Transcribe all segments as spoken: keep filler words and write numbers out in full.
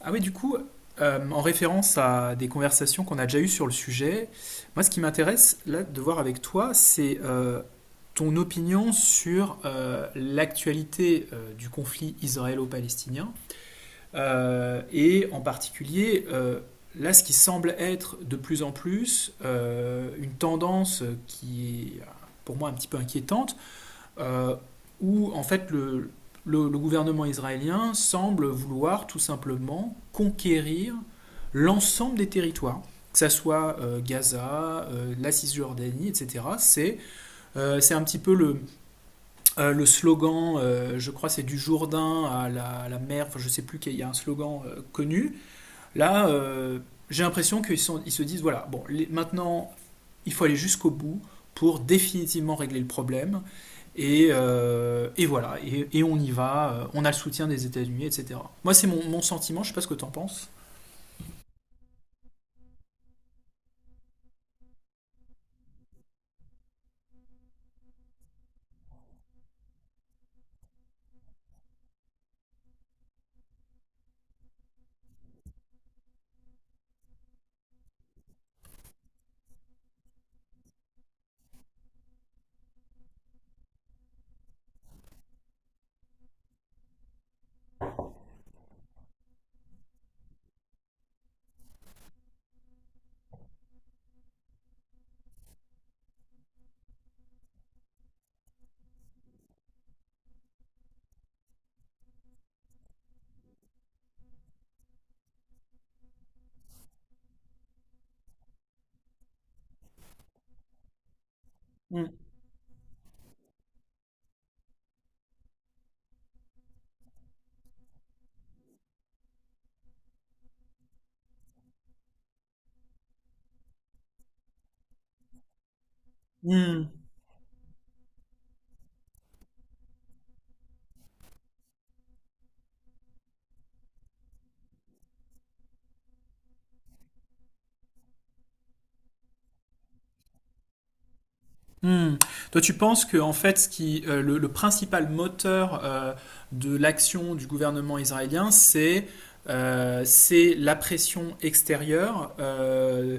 Ah oui, du coup, euh, en référence à des conversations qu'on a déjà eues sur le sujet, moi ce qui m'intéresse là de voir avec toi, c'est euh, ton opinion sur euh, l'actualité euh, du conflit israélo-palestinien euh, et en particulier euh, là ce qui semble être de plus en plus euh, une tendance qui est pour moi un petit peu inquiétante, euh, où en fait le, le, le, gouvernement israélien semble vouloir tout simplement conquérir l'ensemble des territoires, que ça soit euh, Gaza, euh, la Cisjordanie, et cetera. C'est c'est euh, un petit peu le, euh, le slogan, euh, je crois c'est du Jourdain à la, à la mer, enfin je sais plus qu'il y a un slogan euh, connu. Là, euh, j'ai l'impression qu'ils ils se disent voilà, bon, les, maintenant il faut aller jusqu'au bout pour définitivement régler le problème. Et, euh, et voilà, et, et, on y va. Euh, on a le soutien des États-Unis, et cetera. Moi, c'est mon, mon, sentiment, je sais pas ce que tu en penses. Mm. Mm. Mm. Toi, tu penses que en fait, ce qui, euh, le, le, principal moteur euh, de l'action du gouvernement israélien, c'est euh, c'est la pression extérieure euh,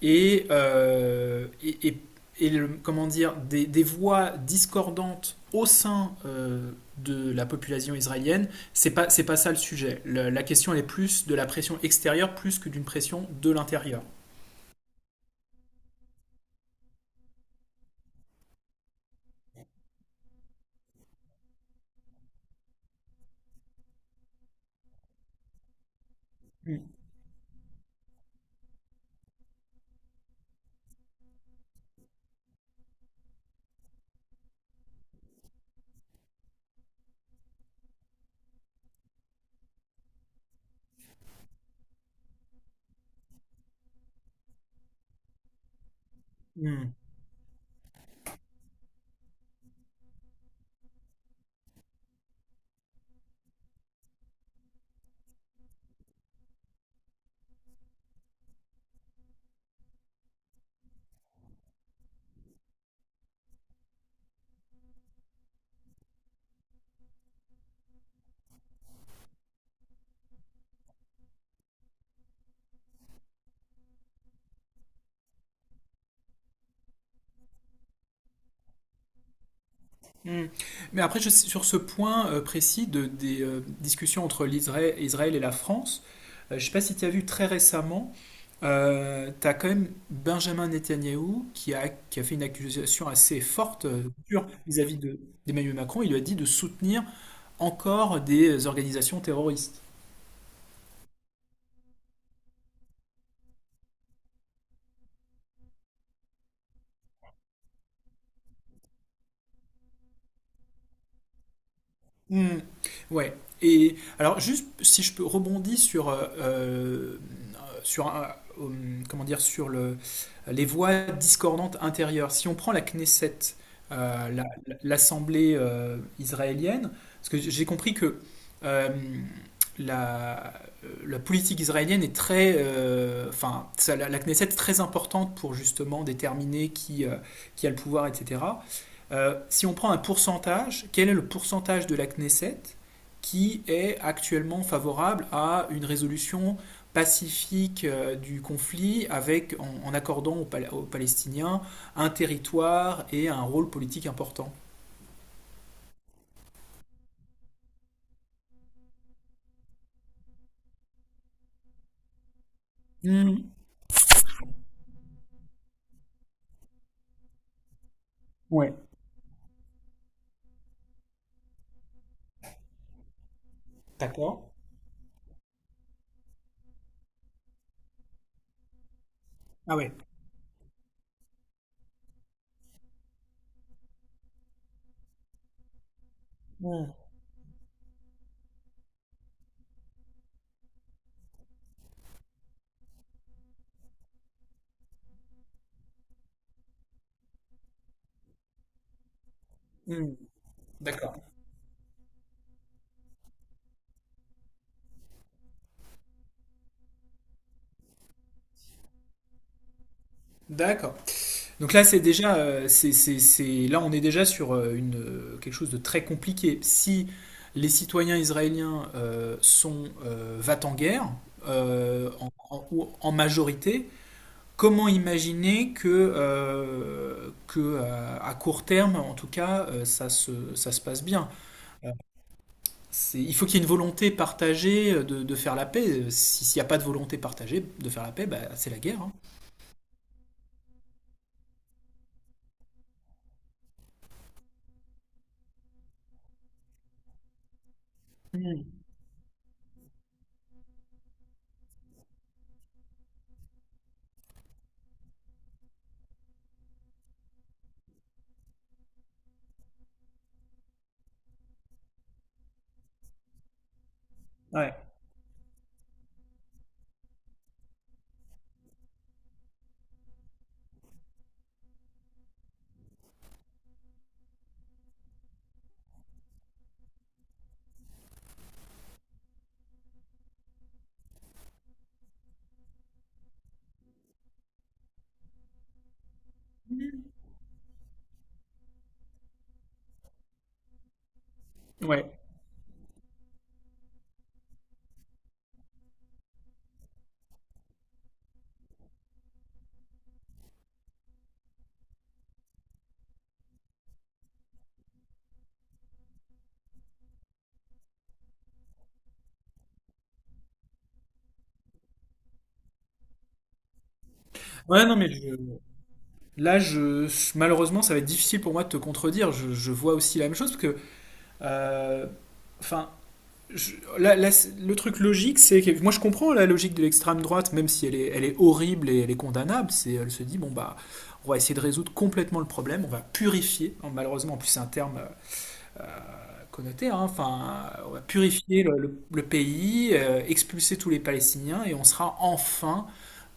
et, euh, et, et, et le- comment dire, des, des voix discordantes au sein euh, de la population israélienne, c'est pas, c'est pas ça le sujet. Le- la question elle est plus de la pression extérieure plus que d'une pression de l'intérieur. Mm. Hmm. Mais après, je- sur ce point euh, précis de, des euh, discussions entre l'Israël Israël et la France, euh, je ne sais pas si tu as vu très récemment, tu as quand même Benjamin Netanyahou qui a, qui a fait une accusation assez forte euh, dure vis-à-vis de, d'Emmanuel Macron. Il lui a dit de soutenir encore des euh, organisations terroristes. Hmm. Ouais. Et alors, juste si je peux rebondir sur, euh, euh, sur un- euh, comment dire, sur le, les voix discordantes intérieures. Si on prend la Knesset, euh, la- la- l'Assemblée euh, israélienne, parce que j'ai compris que euh, la, la politique israélienne est très, euh, enfin, ça- la, la Knesset est très importante pour justement déterminer qui, euh, qui a le pouvoir, et cetera. Euh, si on prend un pourcentage, quel est le pourcentage de la Knesset qui est actuellement favorable à une résolution pacifique euh, du conflit avec, en, en accordant aux, Pal- aux, Palestiniens un territoire et un rôle politique important. Mmh. Ouais. D'accord. Ah ouais. Mmh. Mmh. D'accord. D'accord. Donc là, c'est déjà, euh, c'est, c'est- c'est- là, on est déjà sur euh, une, euh, quelque chose de très compliqué. Si les citoyens israéliens euh, sont euh, va-t-en-guerre euh, en, en- ou en majorité, comment imaginer que, euh, que euh, à court terme, en tout cas, euh, ça se, ça se passe bien? C'est- il faut qu'il y ait une volonté partagée euh, de, de faire la paix. Euh, Si- S'il n'y a pas de volonté partagée de faire la paix, bah, c'est la guerre, hein. Ouais, ouais. Ouais, non, mais je... Là, je, malheureusement, ça va être difficile pour moi de te contredire. Je, je vois aussi la même chose parce que, euh, enfin, je- là- là, c'est- le truc logique, c'est que moi, je comprends la logique de l'extrême droite, même si elle est, elle est horrible et elle est condamnable. C'est, elle se dit, bon bah, on va essayer de résoudre complètement le problème, on va purifier. Hein. Malheureusement, en plus, c'est un terme euh, connoté, hein. Enfin, on va purifier le, le- le pays, euh, expulser tous les Palestiniens et on sera enfin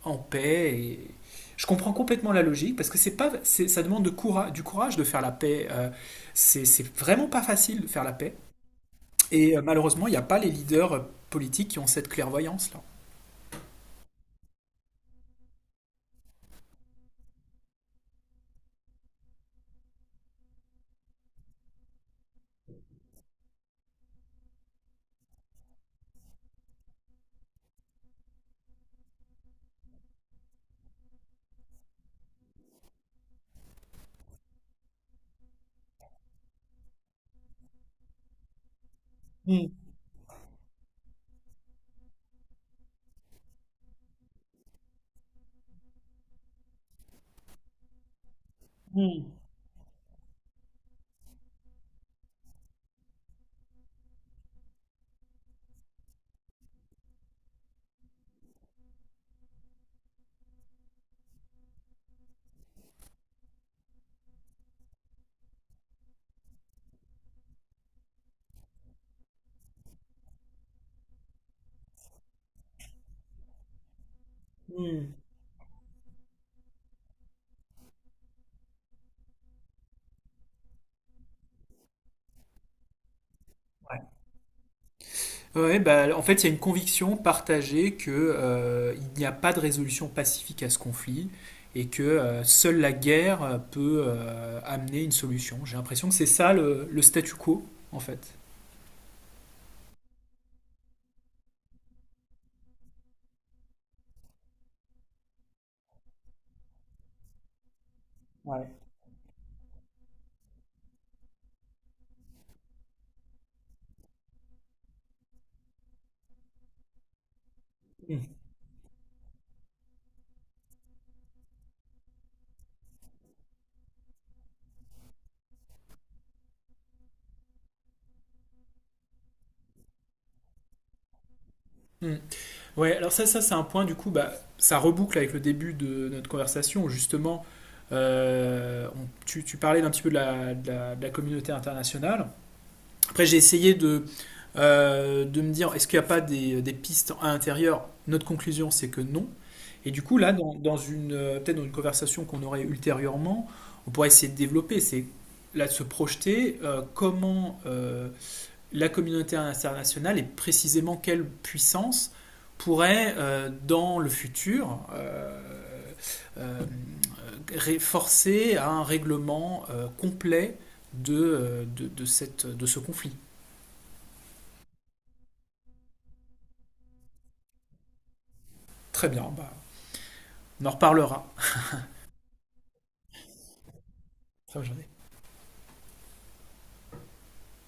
en paix. Et... Je comprends complètement la logique parce que c'est pas, c'est- ça demande de coura- du courage de faire la paix. euh, c'est c'est vraiment pas facile de faire la paix. Et euh, malheureusement, il n'y a pas les leaders euh, politiques qui ont cette clairvoyance-là. Mm, mm. Ouais, Ouais, bah, en fait, il y a une conviction partagée que, euh, il n'y a pas de résolution pacifique à ce conflit et que euh, seule la guerre euh, peut euh, amener une solution. J'ai l'impression que c'est ça le, le statu quo, en fait. Ouais. Mm. Mm. Ouais, alors ça, ça c'est un point du coup, bah, ça reboucle avec le début de notre conversation où justement, euh, on- tu, tu parlais d'un petit peu de la, de la- de la communauté internationale. Après, j'ai essayé de, euh, de me dire, est-ce qu'il n'y a pas des, des pistes à l'intérieur. Notre conclusion, c'est que non. Et du coup, là, dans, dans une, euh, peut-être dans une conversation qu'on aurait ultérieurement, on pourrait essayer de développer, c'est là de se projeter, euh, comment, euh, la communauté internationale et précisément quelle puissance pourrait, euh, dans le futur, euh, euh, forcer à un règlement euh, complet de, euh, de, de, cette, de ce conflit. Très bien, bah, on en reparlera. Très bonne journée.